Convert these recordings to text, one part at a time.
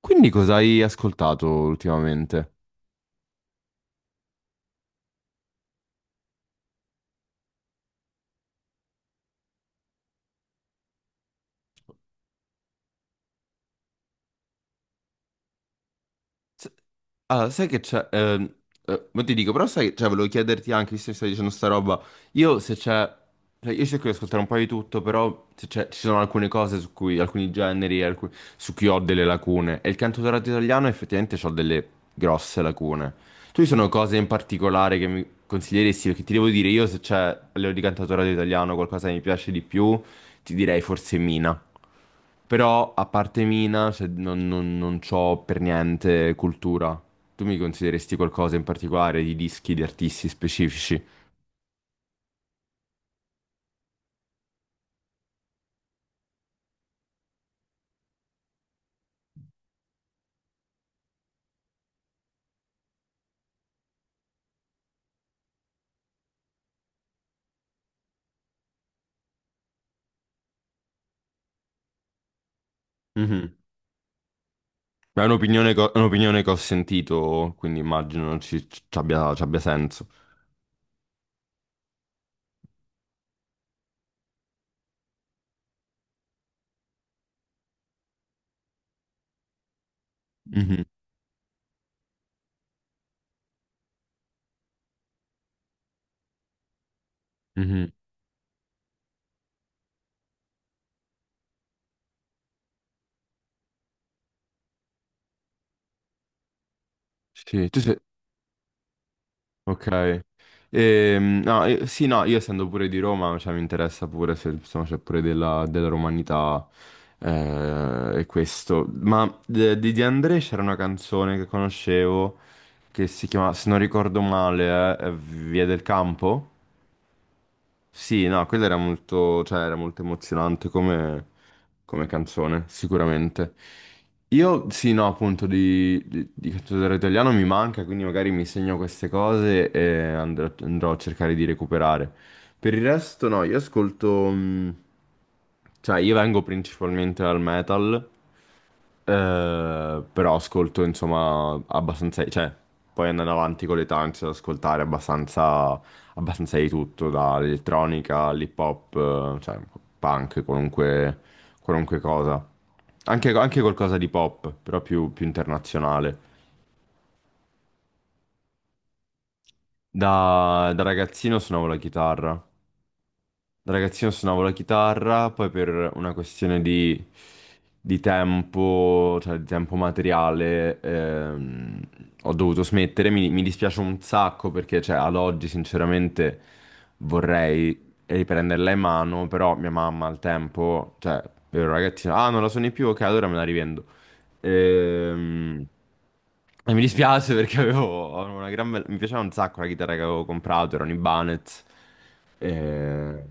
Quindi cosa hai ascoltato ultimamente? S- Allora, sai che c'è... ma ti dico, però sai, cioè, volevo chiederti anche, visto che stai dicendo sta roba, io se c'è... Cioè, io cerco di ascoltare un po' di tutto, però se c'è- ci sono alcune cose su cui, alcuni generi su cui ho delle lacune. E il cantautorato italiano effettivamente ho delle grosse lacune. Tu ci sono cose in particolare che mi consiglieresti? Perché ti devo dire, io se c'è a livello di cantautorato italiano qualcosa che mi piace di più, ti direi forse Mina. Però a parte Mina, non c'ho per niente cultura. Tu mi consideresti qualcosa in particolare di dischi, di artisti specifici? Mhm. Ma è un'opinione che ho sentito, quindi immagino ci abbia senso. Mhm, mhm. Sì, ok. No, sì, no, io essendo pure di Roma, cioè, mi interessa pure se insomma, c'è pure della romanità, e questo. Ma di De André c'era una canzone che conoscevo, che si chiama, se non ricordo male, Via del Campo. Sì, no, quella era molto, cioè, era molto emozionante come, come canzone, sicuramente. Io, sì, no, appunto, di cantautore italiano mi manca, quindi magari mi segno queste cose e andrò a cercare di recuperare. Per il resto, no, io ascolto... cioè, io vengo principalmente dal metal, però ascolto, insomma, abbastanza... Cioè, poi andando avanti con l'età inizio ad ascoltare abbastanza di tutto, dall'elettronica all'hip hop, cioè punk, qualunque, qualunque cosa. Anche, anche qualcosa di pop, però più, più internazionale. Da ragazzino suonavo la chitarra, da ragazzino suonavo la chitarra, poi per una questione di tempo, cioè di tempo materiale, ho dovuto smettere. Mi dispiace un sacco perché, cioè, ad oggi sinceramente vorrei riprenderla in mano, però mia mamma al tempo, cioè, ero ragazzino, ah, non la suoni più, ok, allora me la rivendo. Ehm, E mi dispiace perché avevo una gran bella... Mi piaceva un sacco la chitarra che avevo comprato, era un Ibanez. Eh,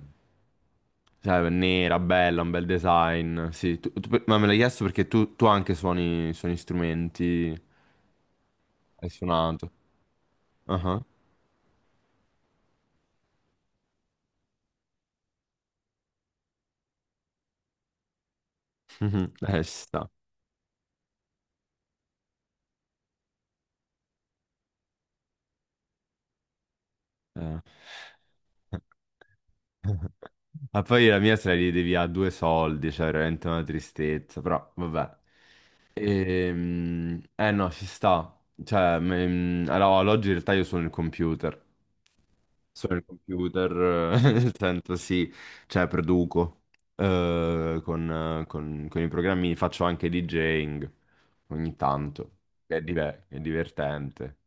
cioè, nera, bella, un bel design. Sì, ma me l'hai chiesto perché tu anche suoni, suoni strumenti, hai suonato. Ah ah. Ci sta. Eh. Ma poi la mia se la ride via a due soldi, cioè veramente una tristezza, però vabbè. No, ci sta. Cioè, allora, ad oggi in realtà io sono il computer. Sono il computer, nel senso sì, cioè produco, con, con i programmi, faccio anche DJing ogni tanto, che è, è divertente.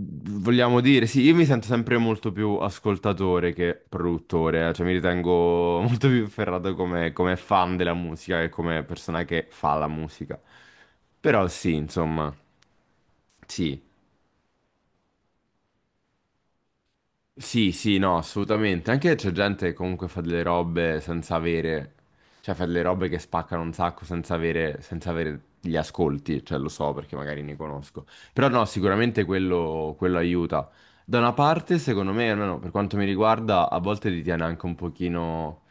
Vogliamo dire, sì, io mi sento sempre molto più ascoltatore che produttore, cioè mi ritengo molto più ferrato come, come fan della musica che come persona che fa la musica. Però sì, insomma, sì. Sì, sì, no, assolutamente. Anche c'è gente che comunque fa delle robe senza avere, cioè fa delle robe che spaccano un sacco senza avere, senza avere gli ascolti, cioè lo so perché magari ne conosco. Però no, sicuramente quello, quello aiuta. Da una parte, secondo me, almeno per quanto mi riguarda, a volte ti tiene anche un pochino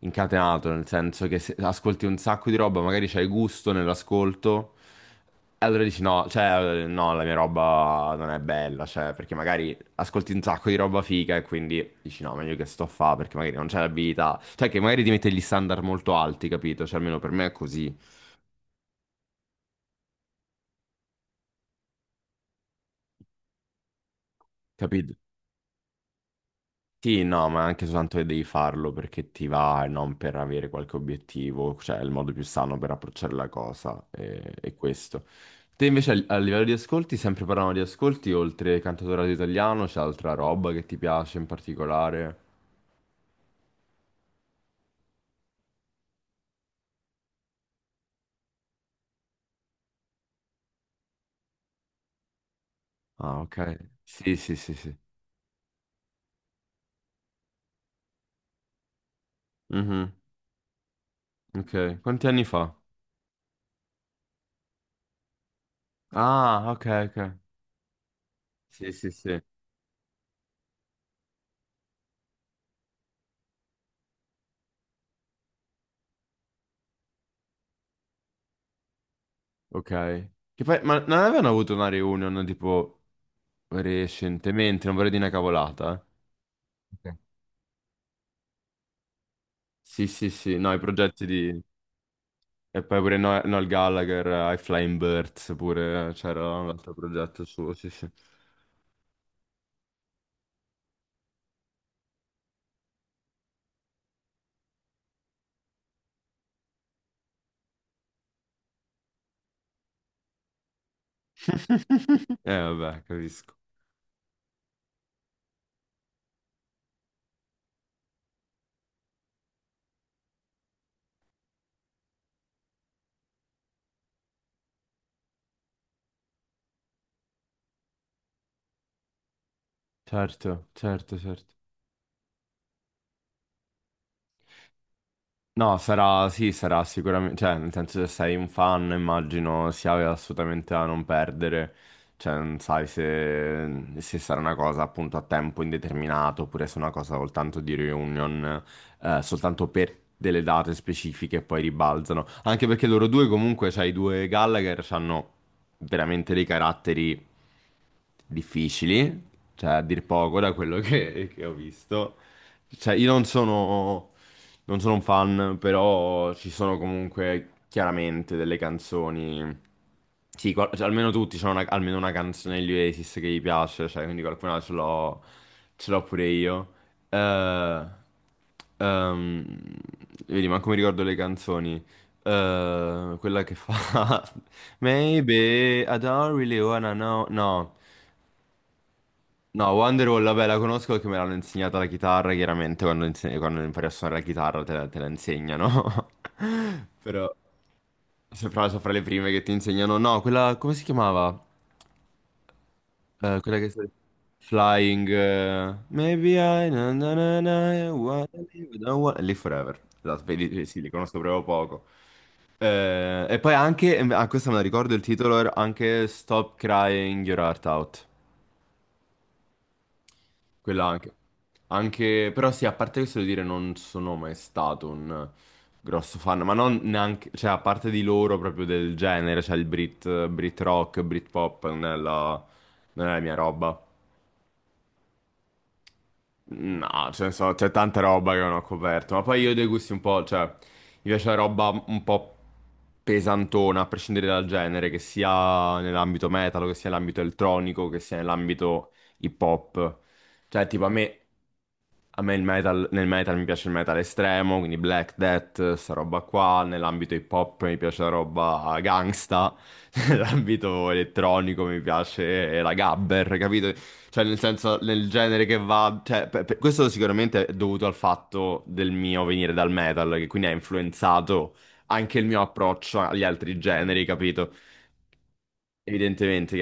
incatenato, nel senso che se ascolti un sacco di roba, magari c'hai gusto nell'ascolto, e allora dici no, cioè no, la mia roba non è bella, cioè perché magari ascolti un sacco di roba figa e quindi dici no, meglio che sto a fa perché magari non c'è l'abilità. Cioè che magari ti mette gli standard molto alti, capito? Cioè almeno per me è così, capito? Sì, no, ma anche soltanto che devi farlo perché ti va e non per avere qualche obiettivo, cioè è il modo più sano per approcciare la cosa e è questo. Te invece a a livello di ascolti, sempre parlando di ascolti, oltre cantautorato italiano, c'è altra roba che ti piace in particolare? Ah, ok. Sì, sì, sì, sì. Mhm, ok. Quanti anni fa? Ah, ok, ok. Sì, sì, sì. Ok. Che poi, ma non avevano avuto una reunion tipo recentemente, non vorrei dire una cavolata. Eh. Ok. Sì, sì, sì, no, i progetti di... E poi pure Noel Gallagher, I Flying Birds, pure c'era un altro progetto suo, sì, sì. Vabbè, capisco. Certo, certo, certo. No, sarà, sì, sarà sicuramente, cioè, nel senso se sei un fan, immagino sia assolutamente da non perdere, cioè, non sai se sarà una cosa appunto a tempo indeterminato oppure se è una cosa soltanto di reunion, soltanto per delle date specifiche e poi ribalzano, anche perché loro due comunque, cioè, i due Gallagher hanno veramente dei caratteri difficili, cioè, a dir poco da quello che ho visto. Cioè, io non sono non sono un fan, però ci sono comunque chiaramente delle canzoni. Sì, cioè, almeno tutti almeno una canzone degli Oasis che gli piace, cioè, quindi qualcuna ce l'ho pure io. Eh, ehm, vedi, ma come ricordo le canzoni? Quella che fa Maybe I don't really wanna know. No. No, Wonderwall, vabbè, la conosco perché me l'hanno insegnata la chitarra, chiaramente quando, quando impari a suonare la chitarra te la insegnano. Però se fra, so fra le prime che ti insegnano, no, quella, come si chiamava? Quella che... Flying... Maybe I... na na na na, I wanna live, I don't wanna live forever. Esatto, vedi, sì, li conosco proprio poco. E poi anche, ah, questa me la ricordo, il titolo era anche Stop Crying Your Heart Out. Quella anche. Anche, però sì, a parte questo devo dire, non sono mai stato un grosso fan, ma non neanche, cioè a parte di loro proprio del genere, cioè il Brit rock, Brit pop, non è la, non è la mia roba. No, ce ne so, c'è tanta roba che non ho coperto, ma poi io ho dei gusti un po', cioè, mi piace la roba un po' pesantona, a prescindere dal genere, che sia nell'ambito metal, che sia nell'ambito elettronico, che sia nell'ambito hip hop. Cioè, tipo, a me il metal, nel metal mi piace il metal estremo, quindi Black Death, sta roba qua, nell'ambito hip hop mi piace la roba gangsta, nell'ambito elettronico mi piace la gabber, capito? Cioè nel senso, nel genere che va... Cioè, questo sicuramente è dovuto al fatto del mio venire dal metal, che quindi ha influenzato anche il mio approccio agli altri generi, capito? Evidentemente,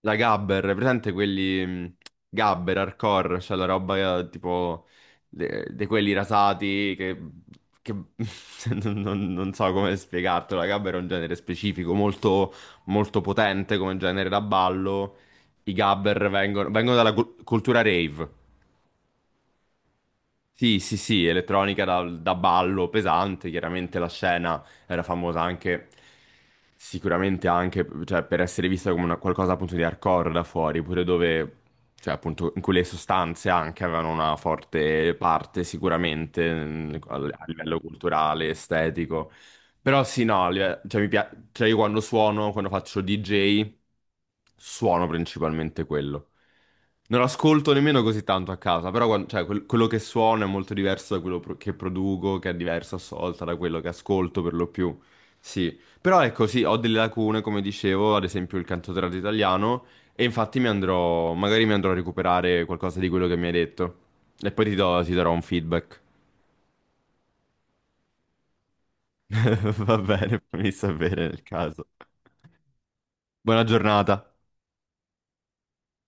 la gabber, è presente quelli gabber, hardcore, cioè la roba tipo di quelli rasati che, che- non so come spiegartelo, la gabber è un genere specifico, molto, molto potente come genere da ballo. I gabber vengono dalla cultura rave. Sì, sì, sì, elettronica da ballo pesante, chiaramente la scena era famosa anche, sicuramente anche, cioè, per essere vista come qualcosa appunto di hardcore da fuori, pure dove, cioè appunto, in cui le sostanze anche avevano una forte parte sicuramente a a livello culturale, estetico. Però sì, no, cioè, cioè io quando suono, quando faccio DJ, suono principalmente quello. Non ascolto nemmeno così tanto a casa, però cioè, quello che suono è molto diverso da quello che produco, che è diverso a sua da quello che ascolto per lo più. Sì, però ecco, sì, ho delle lacune, come dicevo, ad esempio il cantautorato italiano, e infatti mi andrò, magari mi andrò a recuperare qualcosa di quello che mi hai detto. E poi ti ti darò un feedback. Va bene, fammi sapere nel caso. Buona giornata.